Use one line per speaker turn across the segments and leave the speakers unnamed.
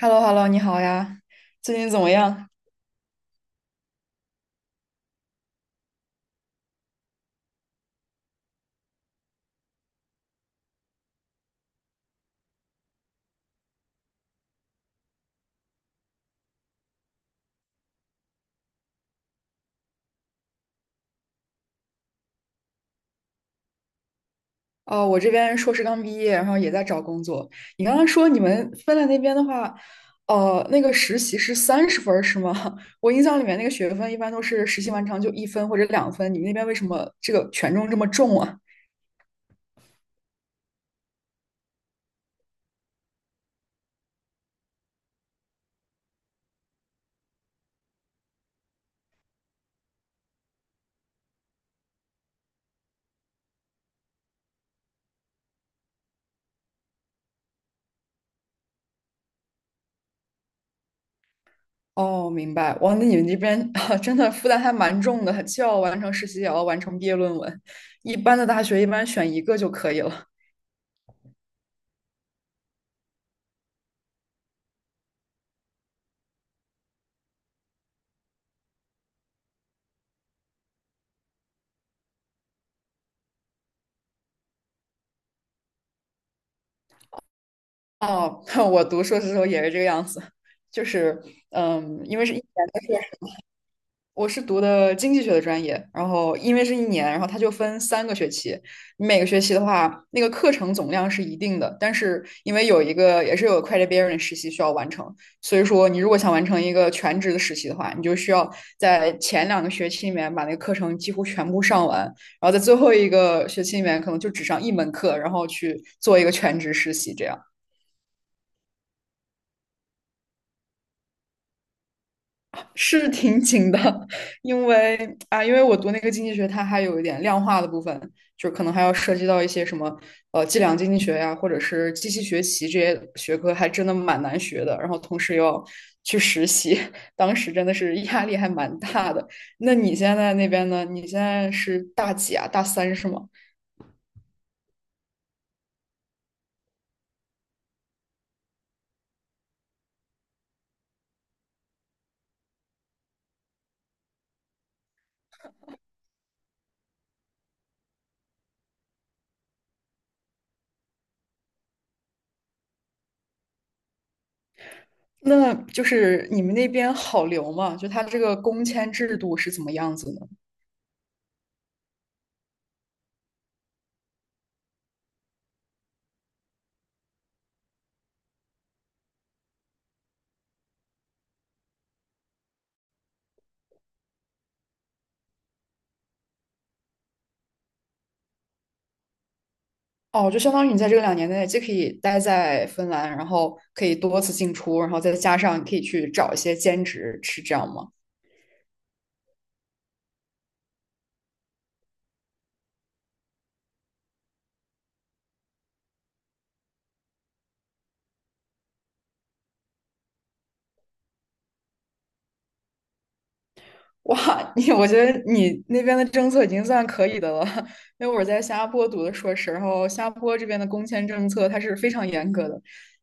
hello hello 你好呀，最近怎么样？哦，我这边硕士刚毕业，然后也在找工作。你刚刚说你们芬兰那边的话，那个实习是30分儿是吗？我印象里面那个学分一般都是实习完成就1分或者2分，你们那边为什么这个权重这么重啊？哦，明白。哇，那你们这边啊 真的负担还蛮重的，既要完成实习，也要完成毕业论文。一般的大学一般选一个就可以了。哦，我读硕士的时候也是这个样子，就是嗯，因为是一年的是我是读的经济学的专业，然后因为是一年，然后它就分3个学期，你每个学期的话，那个课程总量是一定的，但是因为有一个也是有 credit bearing 实习需要完成，所以说你如果想完成一个全职的实习的话，你就需要在前2个学期里面把那个课程几乎全部上完，然后在最后一个学期里面可能就只上一门课，然后去做一个全职实习这样。是挺紧的，因为因为我读那个经济学，它还有一点量化的部分，就可能还要涉及到一些什么计量经济学呀，或者是机器学习这些学科，还真的蛮难学的。然后同时又要去实习，当时真的是压力还蛮大的。那你现在那边呢？你现在是大几啊？大三是吗？那就是你们那边好留吗？就它这个工签制度是怎么样子呢？哦，就相当于你在这个2年内既可以待在芬兰，然后可以多次进出，然后再加上你可以去找一些兼职，是这样吗？哇，你我觉得你那边的政策已经算可以的了，因为我在新加坡读的硕士，然后新加坡这边的工签政策它是非常严格的，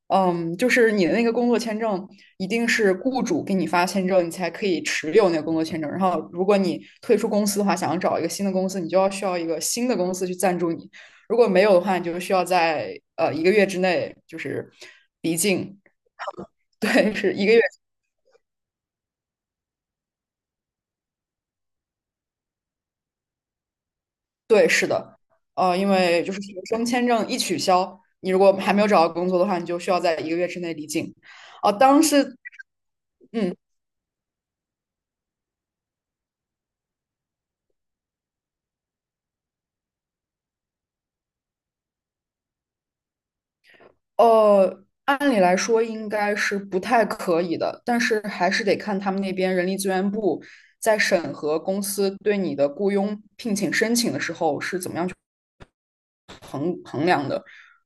嗯，就是你的那个工作签证一定是雇主给你发签证，你才可以持有那个工作签证，然后如果你退出公司的话，想要找一个新的公司，你就要需要一个新的公司去赞助你，如果没有的话，你就需要在一个月之内就是离境，对，是1个月。对，是的，因为就是学生签证一取消，你如果还没有找到工作的话，你就需要在一个月之内离境。哦、当时，嗯，按理来说应该是不太可以的，但是还是得看他们那边人力资源部在审核公司对你的雇佣聘请申请的时候是怎么样。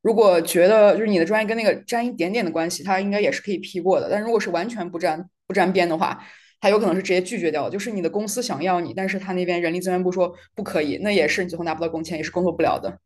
如果觉得就是你的专业跟那个沾一点点的关系，它应该也是可以批过的。但如果是完全不沾边的话，它有可能是直接拒绝掉就是你的公司想要你，但是他那边人力资源部说不可以，那也是你最后拿不到工签，也是工作不了的。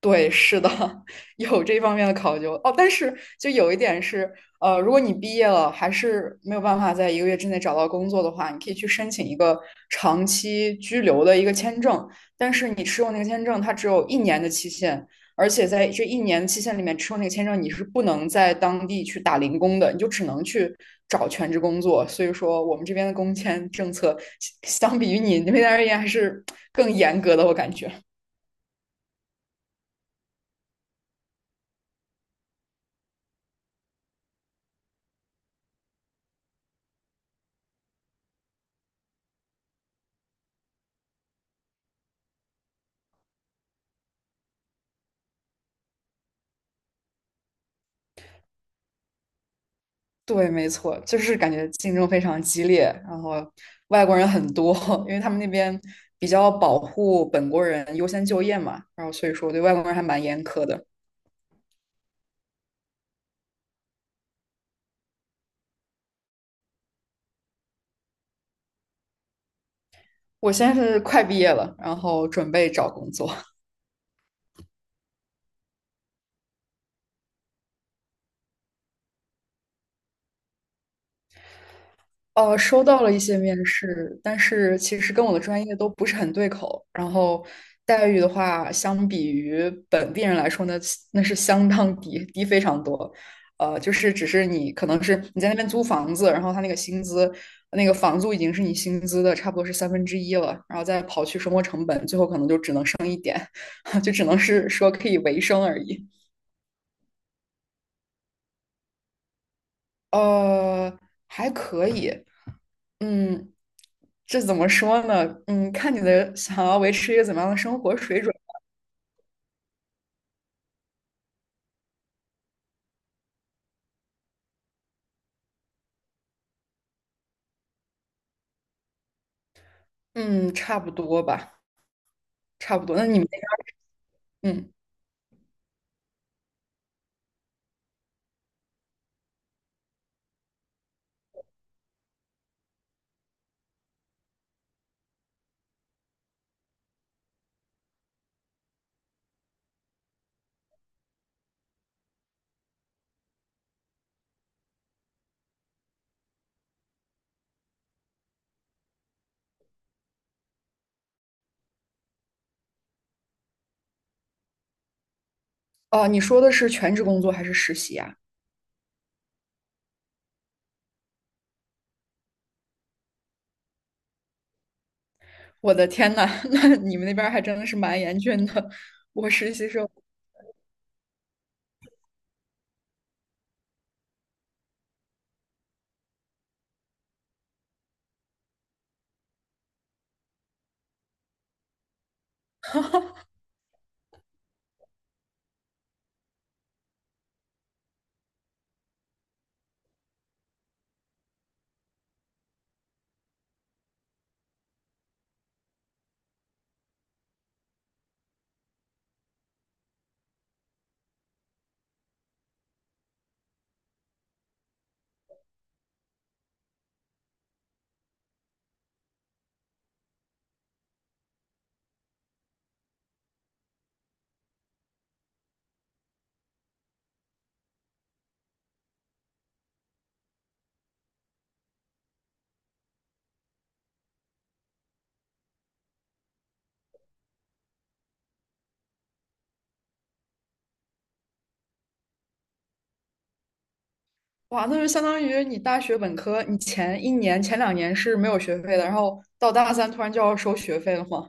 对，是的，有这方面的考究哦。但是就有一点是，如果你毕业了还是没有办法在一个月之内找到工作的话，你可以去申请一个长期居留的一个签证。但是你持有那个签证，它只有1年的期限，而且在这1年期限里面持有那个签证，你是不能在当地去打零工的，你就只能去找全职工作。所以说，我们这边的工签政策相比于你那边而言还是更严格的，我感觉。对，没错，就是感觉竞争非常激烈，然后外国人很多，因为他们那边比较保护本国人优先就业嘛，然后所以说我对外国人还蛮严苛的。我现在是快毕业了，然后准备找工作。收到了一些面试，但是其实跟我的专业都不是很对口。然后待遇的话，相比于本地人来说呢，那是相当低，低非常多。就是只是你可能是你在那边租房子，然后他那个薪资，那个房租已经是你薪资的差不多是三分之一了，然后再刨去生活成本，最后可能就只能生，就只能是说可以维生而已。呃，还可以。嗯，这怎么说呢？嗯，看你的想要维持一个怎么样的生活水准。嗯，差不多吧，差不多。那你们那边儿嗯，哦，你说的是全职工作还是实习啊？我的天呐，那你们那边儿还真的是蛮严峻的。我实习生，哇，那就相当于你大学本科，你前一年、前两年是没有学费的，然后到大三突然就要收学费了吗？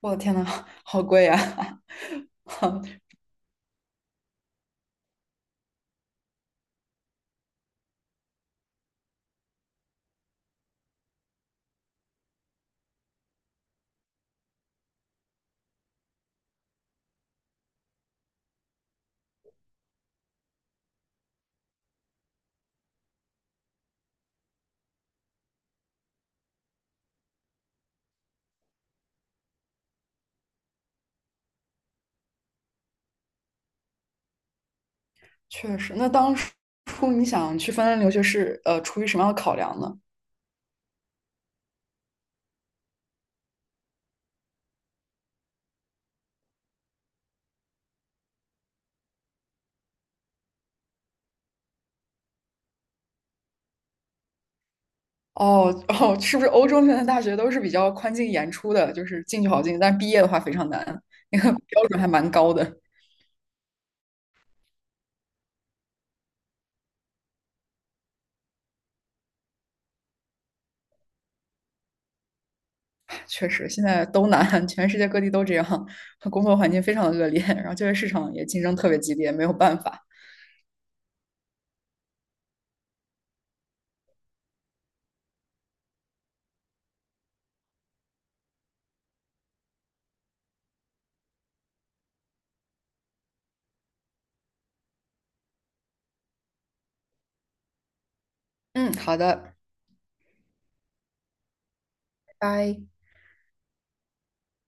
我的天呐，好贵呀！确实，那当初你想去芬兰留学是出于什么样的考量呢？哦哦，是不是欧洲现在大学都是比较宽进严出的，就是进去好进，但是毕业的话非常难，那个标准还蛮高的。确实，现在都难，全世界各地都这样，工作环境非常的恶劣，然后就业市场也竞争特别激烈，没有办法。嗯，好的，拜。